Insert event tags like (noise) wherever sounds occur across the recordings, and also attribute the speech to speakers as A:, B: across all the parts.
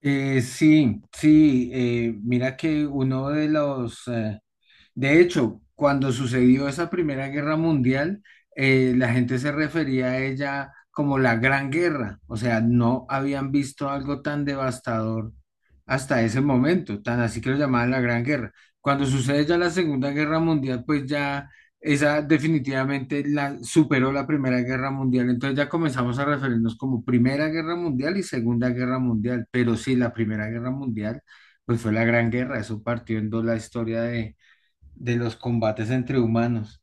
A: Sí, sí, mira que uno de los de hecho, cuando sucedió esa Primera Guerra Mundial, la gente se refería a ella como la Gran Guerra, o sea, no habían visto algo tan devastador hasta ese momento, tan así que lo llamaban la Gran Guerra. Cuando sucede ya la Segunda Guerra Mundial, pues ya esa definitivamente la superó la Primera Guerra Mundial, entonces ya comenzamos a referirnos como Primera Guerra Mundial y Segunda Guerra Mundial, pero sí, la Primera Guerra Mundial, pues fue la Gran Guerra, eso partió en dos la historia de los combates entre humanos.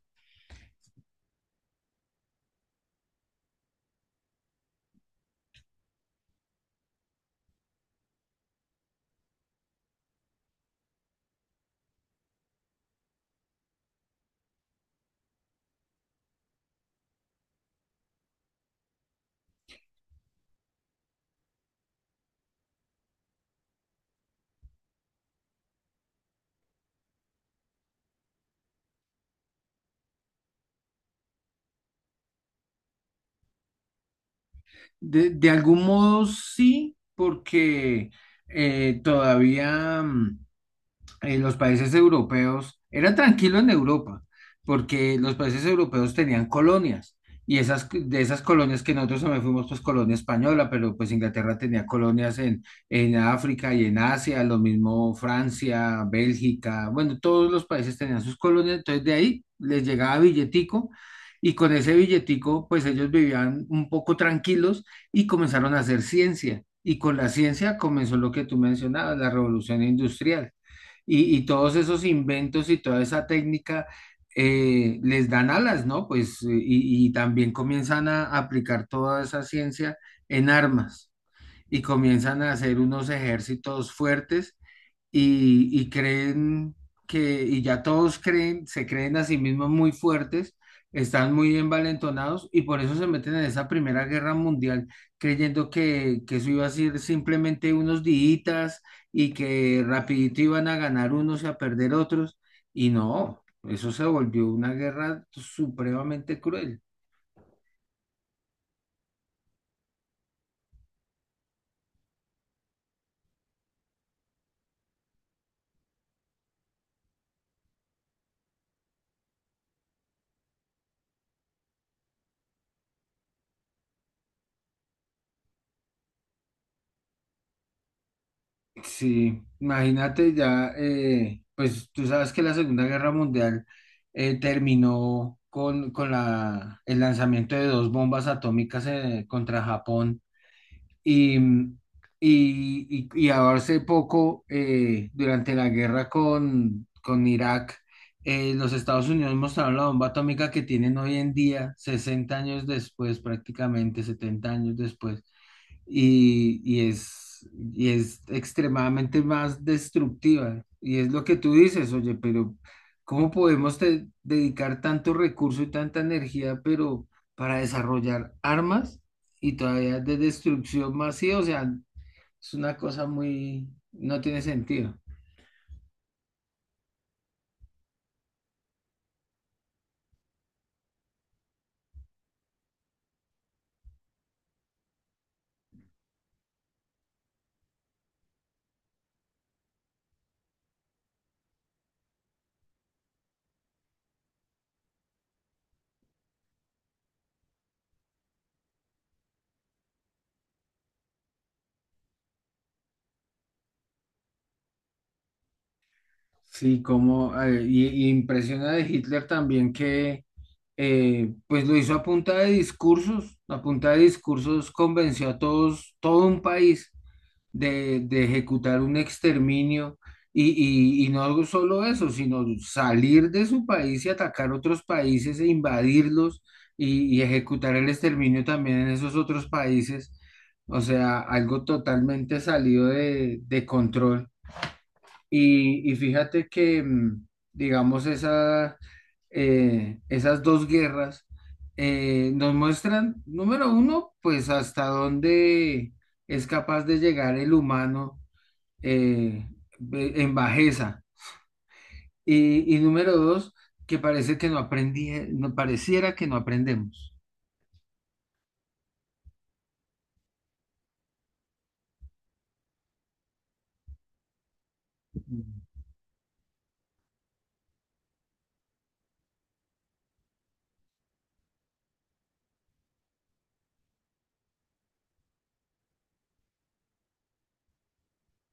A: De algún modo sí, porque todavía, los países europeos, era tranquilo en Europa, porque los países europeos tenían colonias, y de esas colonias que nosotros también fuimos, pues colonia española, pero pues Inglaterra tenía colonias en África y en Asia, lo mismo Francia, Bélgica, bueno, todos los países tenían sus colonias, entonces de ahí les llegaba billetico. Y con ese billetico, pues ellos vivían un poco tranquilos y comenzaron a hacer ciencia. Y con la ciencia comenzó lo que tú mencionabas, la revolución industrial y todos esos inventos y toda esa técnica les dan alas, ¿no? Pues y también comienzan a aplicar toda esa ciencia en armas y comienzan a hacer unos ejércitos fuertes y creen que, y ya todos creen, se creen a sí mismos muy fuertes, están muy envalentonados y por eso se meten en esa Primera Guerra Mundial creyendo que eso iba a ser simplemente unos días y que rapidito iban a ganar unos y a perder otros. Y no, eso se volvió una guerra supremamente cruel. Sí, imagínate ya, pues tú sabes que la Segunda Guerra Mundial terminó con el lanzamiento de dos bombas atómicas contra Japón y, mm, y ahora hace poco, durante la guerra con Irak, los Estados Unidos mostraron la bomba atómica que tienen hoy en día, 60 años después, prácticamente 70 años después y, y es, y es extremadamente más destructiva. Y es lo que tú dices, oye, pero ¿cómo podemos dedicar tanto recurso y tanta energía, pero para desarrollar armas y todavía de destrucción masiva? O sea, es una cosa no tiene sentido. Sí, como, y impresiona de Hitler también que, pues lo hizo a punta de discursos, a punta de discursos convenció a todos, todo un país de ejecutar un exterminio y, y no solo eso, sino salir de su país y atacar otros países e invadirlos y ejecutar el exterminio también en esos otros países. O sea, algo totalmente salido de control. Y fíjate que, digamos, esas dos guerras nos muestran, número uno, pues hasta dónde es capaz de llegar el humano eh, en bajeza. Y número dos, que parece que no aprendí, no pareciera que no aprendemos.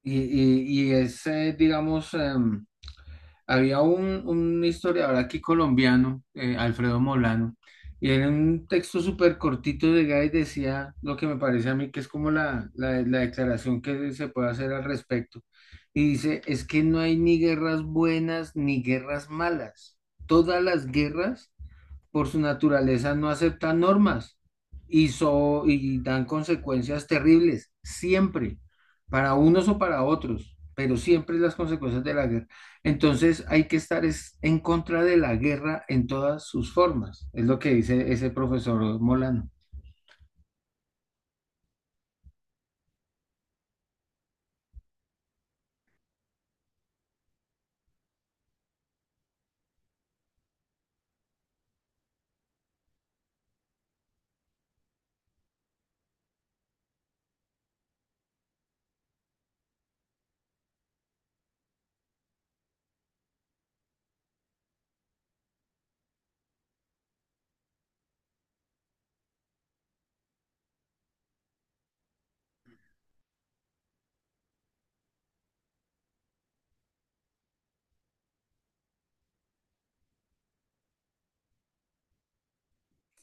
A: Digamos, había un historiador aquí colombiano, Alfredo Molano, y en un texto súper cortito de Gay decía lo que me parece a mí que es como la declaración que se puede hacer al respecto. Y dice, es que no hay ni guerras buenas ni guerras malas. Todas las guerras por su naturaleza no aceptan normas y dan consecuencias terribles, siempre, para unos o para otros, pero siempre las consecuencias de la guerra. Entonces hay que estar en contra de la guerra en todas sus formas, es lo que dice ese profesor Molano.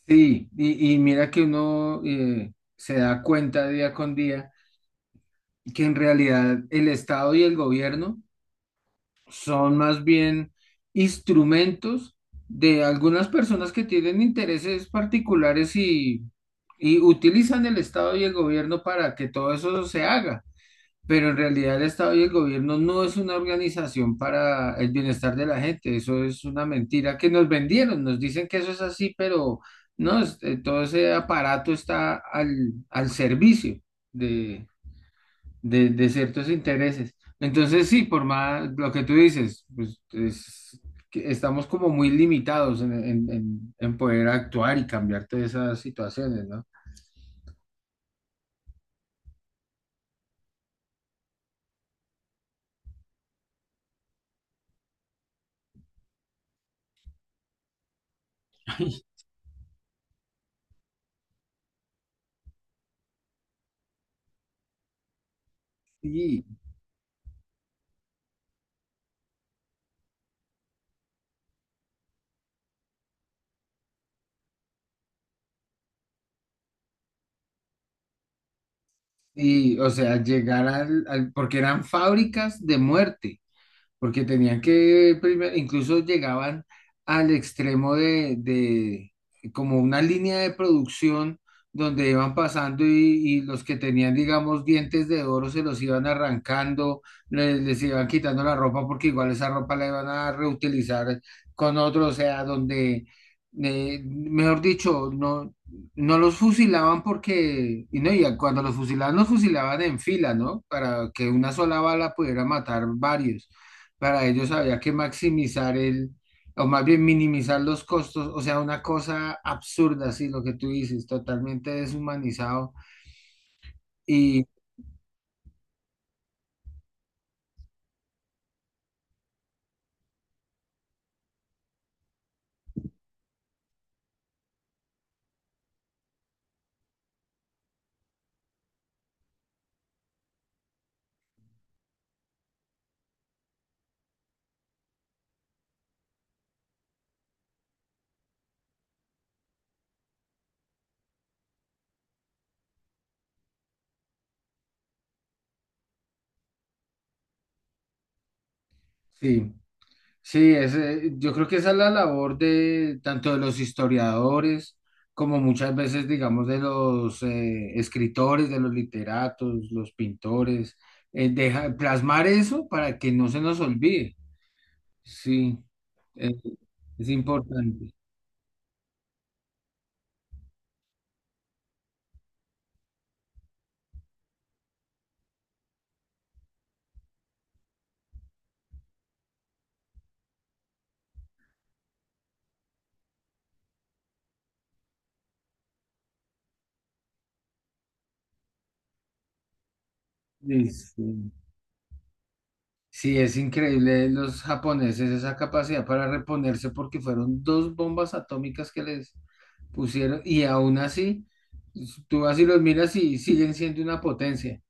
A: Sí, y mira que uno se da cuenta día con día que en realidad el Estado y el gobierno son más bien instrumentos de algunas personas que tienen intereses particulares y utilizan el Estado y el gobierno para que todo eso se haga. Pero en realidad el Estado y el gobierno no es una organización para el bienestar de la gente. Eso es una mentira que nos vendieron. Nos dicen que eso es así, pero no, todo ese aparato está al servicio de ciertos intereses. Entonces, sí, por más lo que tú dices, pues es que estamos como muy limitados en poder actuar y cambiar todas esas situaciones, ¿no? Y, y o sea, llegar porque eran fábricas de muerte. Porque tenían que, incluso llegaban al extremo de como una línea de producción donde iban pasando y los que tenían, digamos, dientes de oro se los iban arrancando, les iban quitando la ropa porque igual esa ropa la iban a reutilizar con otro, o sea, donde, mejor dicho, no, no los fusilaban porque, y no, y cuando los fusilaban en fila, ¿no? Para que una sola bala pudiera matar varios, para ellos había que maximizar el, o más bien minimizar los costos, o sea, una cosa absurda, sí, lo que tú dices, totalmente deshumanizado. Y sí, sí, yo creo que esa es la labor de tanto de los historiadores como muchas veces, digamos, de los escritores, de los literatos, los pintores, plasmar eso para que no se nos olvide. Sí, eh, es importante. Sí, sí. Sí, es increíble los japoneses esa capacidad para reponerse porque fueron dos bombas atómicas que les pusieron y aún así, tú así los miras y siguen siendo una potencia.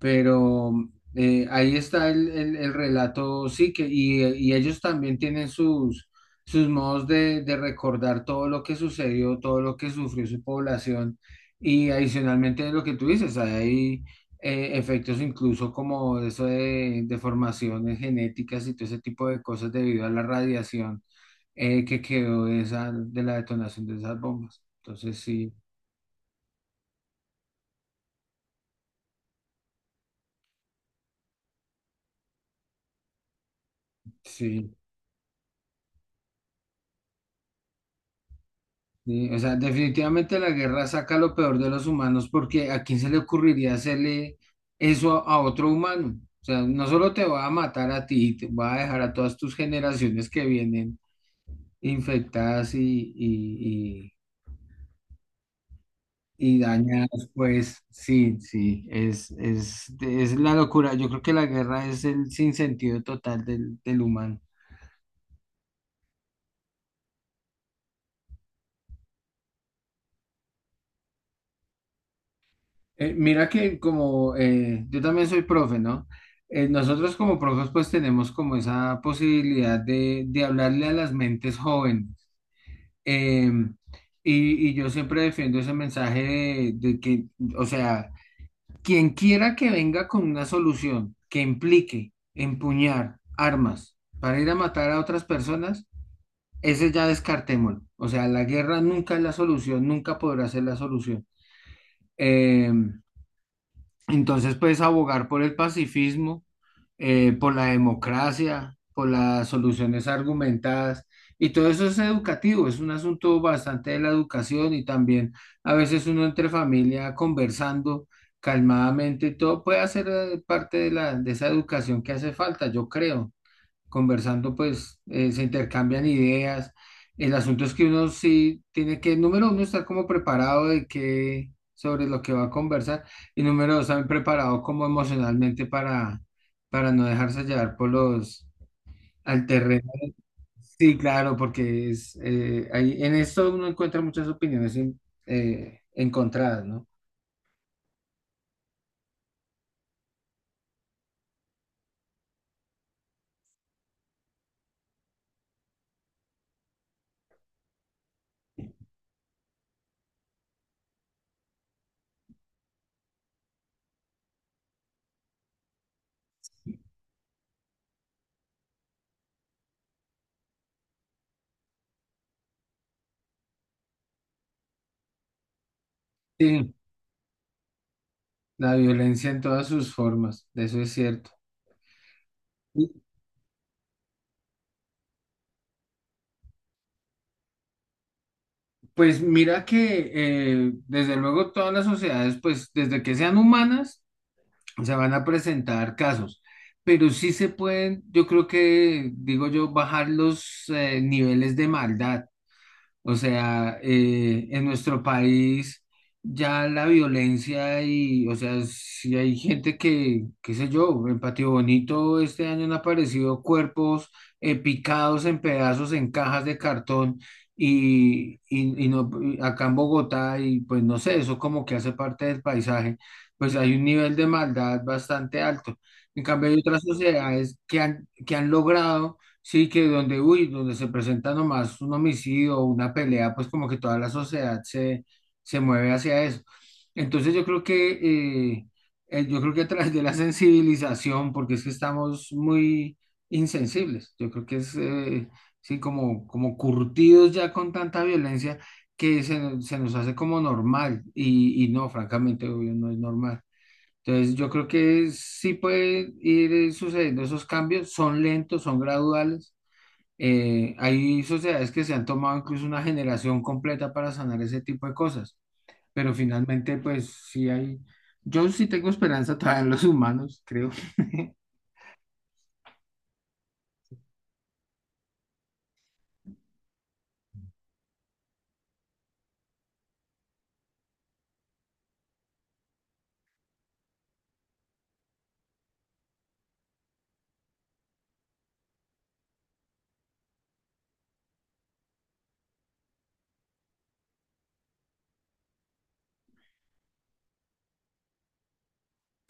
A: Pero ahí está el relato, sí, y ellos también tienen sus modos de recordar todo lo que sucedió, todo lo que sufrió su población, y adicionalmente lo que tú dices, hay efectos incluso como eso de deformaciones genéticas y todo ese tipo de cosas debido a la radiación que quedó de la detonación de esas bombas. Entonces, sí, sí. Sí, o sea, definitivamente la guerra saca lo peor de los humanos porque ¿a quién se le ocurriría hacerle eso a otro humano? O sea, no solo te va a matar a ti, te va a dejar a todas tus generaciones que vienen infectadas y dañadas, pues sí, sí, es la locura. Yo creo que la guerra es el sinsentido total del humano. Mira que como yo también soy profe, ¿no? Nosotros como profes pues tenemos como esa posibilidad de hablarle a las mentes jóvenes. Eh, y yo siempre defiendo ese mensaje de que, o sea, quien quiera que venga con una solución que implique empuñar armas para ir a matar a otras personas, ese ya descartémoslo. O sea, la guerra nunca es la solución, nunca podrá ser la solución. Em, Entonces, pues abogar por el pacifismo, por la democracia, por las soluciones argumentadas, y todo eso es educativo, es un asunto bastante de la educación y también a veces uno entre familia conversando calmadamente, todo puede hacer parte de esa educación que hace falta, yo creo conversando, pues se intercambian ideas. El asunto es que uno sí tiene que, número uno, estar como preparado de que, sobre lo que va a conversar y número dos, también preparado como emocionalmente para no dejarse llevar al terreno. Sí, claro, porque ahí, en esto uno encuentra muchas opiniones encontradas, ¿no? Sí, la violencia en todas sus formas, de eso es cierto. Pues mira que desde luego todas las sociedades, pues desde que sean humanas, se van a presentar casos, pero sí se pueden, yo creo que, digo yo, bajar los niveles de maldad. O sea, en nuestro país ya la violencia y, o sea, si hay gente que, qué sé yo, en Patio Bonito este año han aparecido cuerpos picados en pedazos en cajas de cartón y no, y acá en Bogotá y pues no sé, eso como que hace parte del paisaje, pues hay un nivel de maldad bastante alto. En cambio, hay otras sociedades que han logrado. Sí, que donde, uy, donde se presenta nomás un homicidio o una pelea, pues como que toda la sociedad se mueve hacia eso. Entonces eh, yo creo que a través de la (laughs) sensibilización, porque es que estamos muy insensibles, yo creo que sí, como curtidos ya con tanta violencia que se nos hace como normal y no, francamente, obvio, no es normal. Entonces, yo creo que sí pueden ir sucediendo esos cambios, son lentos, son graduales, hay sociedades que se han tomado incluso una generación completa para sanar ese tipo de cosas, pero finalmente, pues sí hay, yo sí tengo esperanza todavía en los humanos, creo.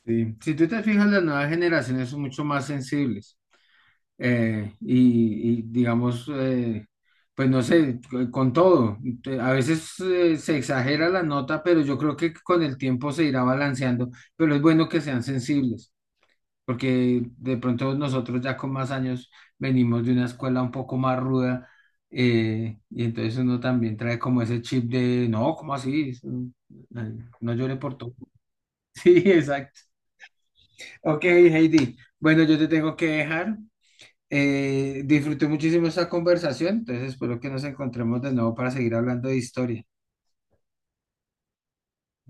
A: Sí. Si tú te fijas, las nuevas generaciones son mucho más sensibles y, digamos, pues no sé, con todo. A veces se exagera la nota, pero yo creo que con el tiempo se irá balanceando, pero es bueno que sean sensibles. Porque de pronto nosotros ya con más años venimos de una escuela un poco más ruda, y entonces uno también trae como ese chip de, no, ¿cómo así? Eso, No llore por todo. (laughs) Sí, exacto. Ok, Heidi. Bueno, yo te tengo que dejar. Disfruté muchísimo esta conversación, entonces espero que nos encontremos de nuevo para seguir hablando de historia.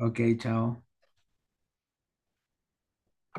A: Ok, chao.